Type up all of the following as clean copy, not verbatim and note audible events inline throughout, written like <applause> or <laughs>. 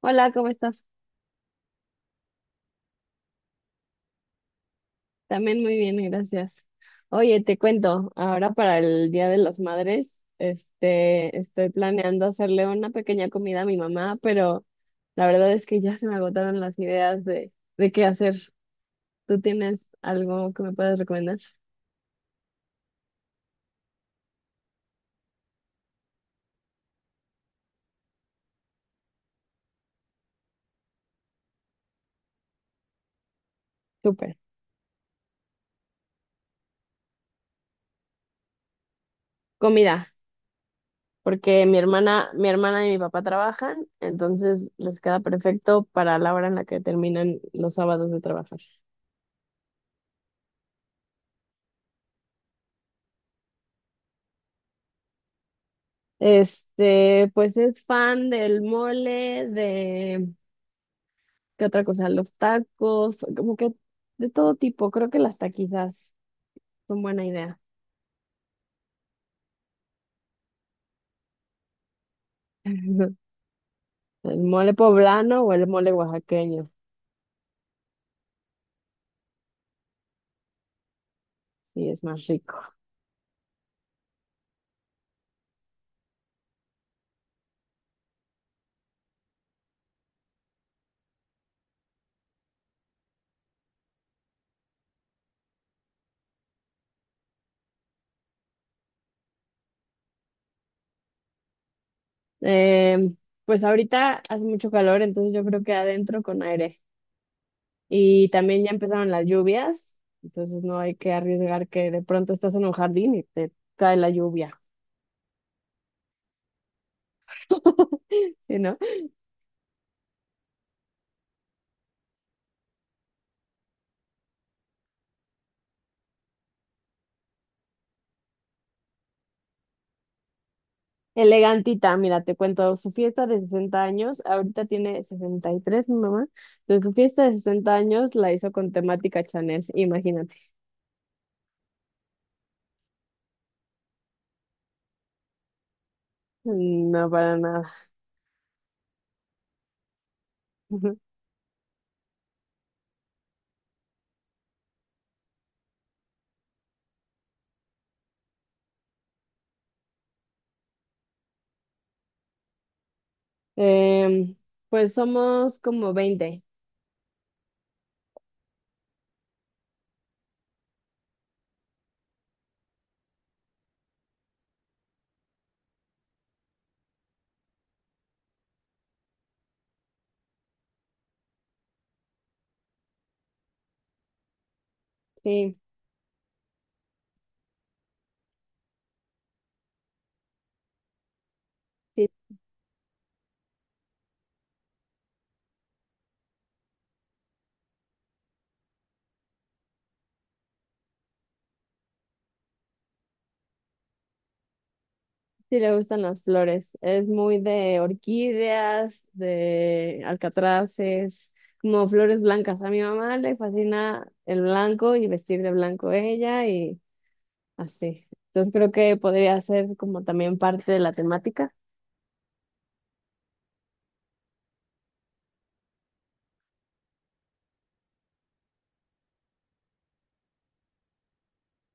Hola, ¿cómo estás? También muy bien, gracias. Oye, te cuento, ahora para el Día de las Madres, estoy planeando hacerle una pequeña comida a mi mamá, pero la verdad es que ya se me agotaron las ideas de qué hacer. ¿Tú tienes algo que me puedas recomendar? Súper. Comida, porque mi hermana y mi papá trabajan, entonces les queda perfecto para la hora en la que terminan los sábados de trabajar. Pues es fan del mole, ¿qué otra cosa? Los tacos, como que de todo tipo. Creo que las taquizas son buena idea. <laughs> El mole poblano o el mole oaxaqueño, y es más rico. Em, pues ahorita hace mucho calor, entonces yo creo que adentro con aire. Y también ya empezaron las lluvias, entonces no hay que arriesgar que de pronto estás en un jardín y te cae la lluvia. <laughs> ¿Sí, no? Elegantita, mira, te cuento, su fiesta de 60 años. Ahorita tiene 63 mi mamá, entonces su fiesta de 60 años la hizo con temática Chanel, imagínate. Mm, no para nada. <laughs> Em, pues somos como 20. Sí, sí, sí le gustan las flores, es muy de orquídeas, de alcatraces, como flores blancas. A mi mamá le fascina el blanco y vestir de blanco ella. Así. Entonces creo que podría ser como también parte de la temática.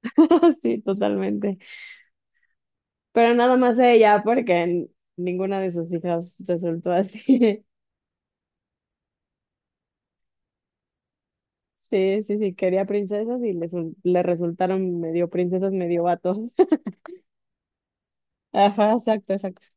<laughs> Sí, totalmente. Pero nada más ella, porque ninguna de sus hijas resultó así. <laughs> Sí, sí, sí, quería princesas y le resultaron medio princesas, medio vatos. <laughs> Ajá, exacto, exacto.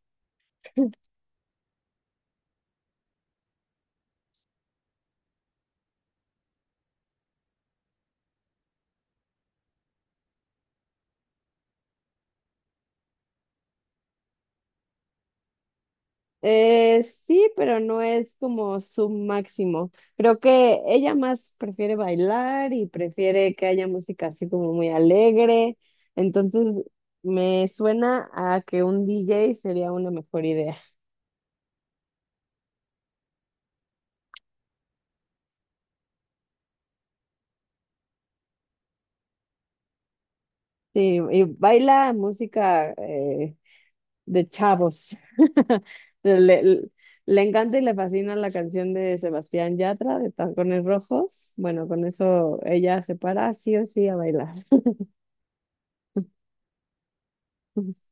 Sí, pero no es como su máximo. Creo que ella más prefiere bailar y prefiere que haya música así como muy alegre. Entonces, me suena a que un DJ sería una mejor idea. Sí, y baila música de chavos. <laughs> Le, le le encanta y le fascina la canción de Sebastián Yatra de Tacones Rojos. Bueno, con eso ella se para sí o sí a bailar. <laughs>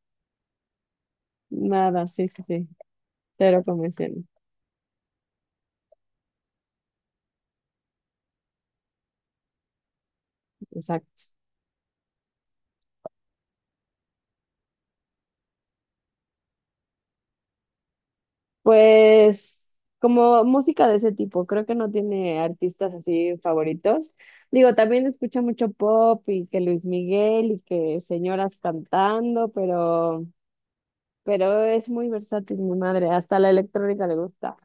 Nada, sí, sí, sí, cero convención, exacto. Pues como música de ese tipo, creo que no tiene artistas así favoritos. Digo, también escucha mucho pop y que Luis Miguel y que señoras cantando, pero es muy versátil mi madre, hasta la electrónica le gusta.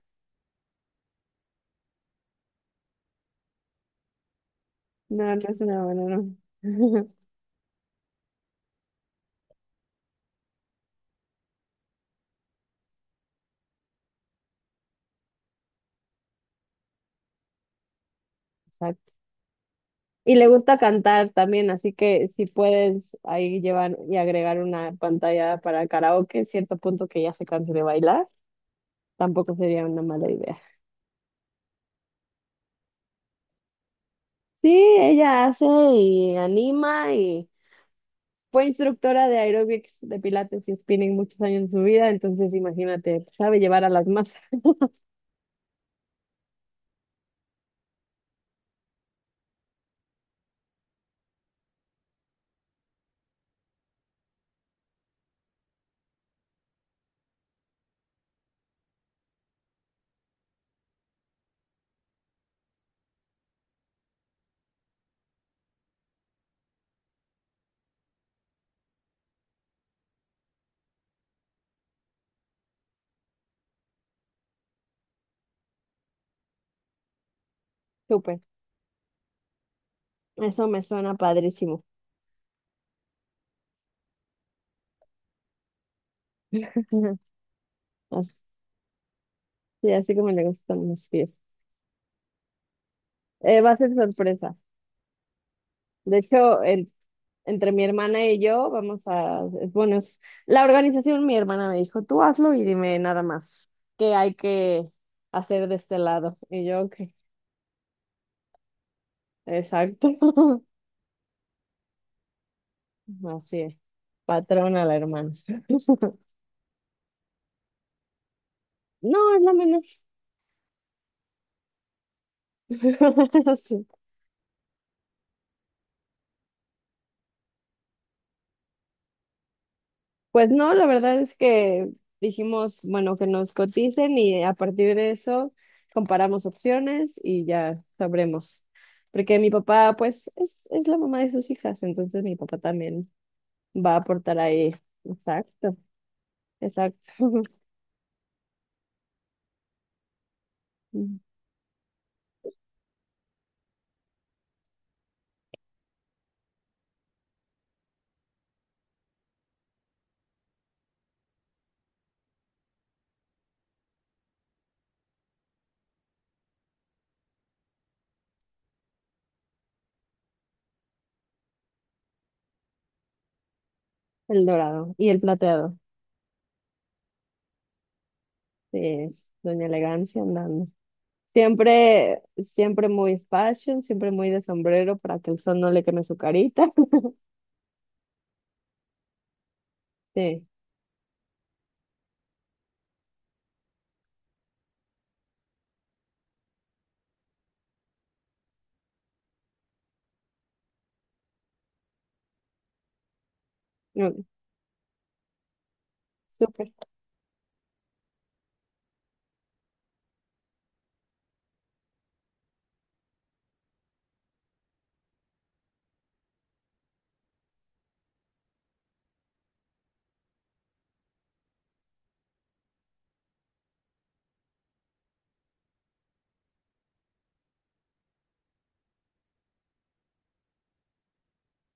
No, no es una buena, no. <laughs> Exacto. Y le gusta cantar también, así que si puedes ahí llevar y agregar una pantalla para karaoke, cierto punto que ya se canse de bailar, tampoco sería una mala idea. Sí, ella hace y anima y fue instructora de aeróbics, de pilates y spinning muchos años de su vida, entonces imagínate, sabe llevar a las masas. <laughs> Súper, eso me suena padrísimo. <laughs> Así, así como le gustan mis pies. Va a ser sorpresa. De hecho, entre mi hermana y yo, bueno, la organización, mi hermana me dijo, tú hazlo y dime nada más qué hay que hacer de este lado. Y yo, ok. Exacto. <laughs> Así es. Patrona la hermana. <laughs> No, es la menor. <laughs> Sí. Pues no, la verdad es que dijimos, bueno, que nos coticen y a partir de eso comparamos opciones y ya sabremos. Porque mi papá, pues, es la mamá de sus hijas, entonces mi papá también va a aportar ahí. Exacto, exacto. <laughs> El dorado y el plateado. Sí, es Doña Elegancia andando. Siempre, siempre muy fashion, siempre muy de sombrero para que el sol no le queme su carita. <laughs> Sí, no, súper.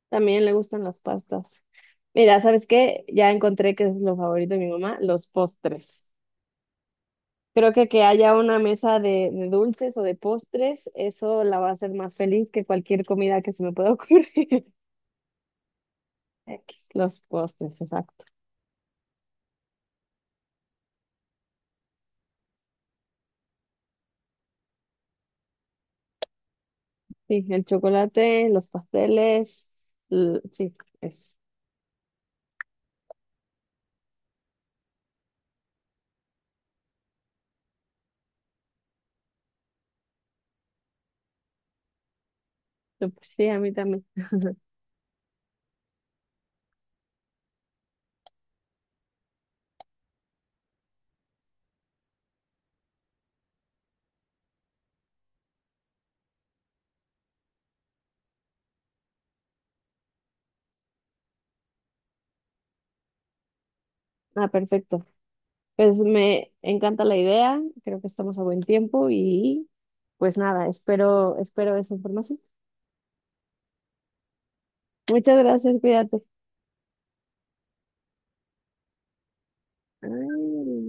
También le gustan las pastas. Mira, ¿sabes qué? Ya encontré que es lo favorito de mi mamá, los postres. Creo que haya una mesa de dulces o de postres, eso la va a hacer más feliz que cualquier comida que se me pueda ocurrir. <laughs> X, los postres, exacto. Sí, el chocolate, los pasteles, sí, eso. Súper. Sí, a mí también. Ah, perfecto. Pues me encanta la idea, creo que estamos a buen tiempo y pues nada, espero esa información. Muchas gracias, cuídate. Ay.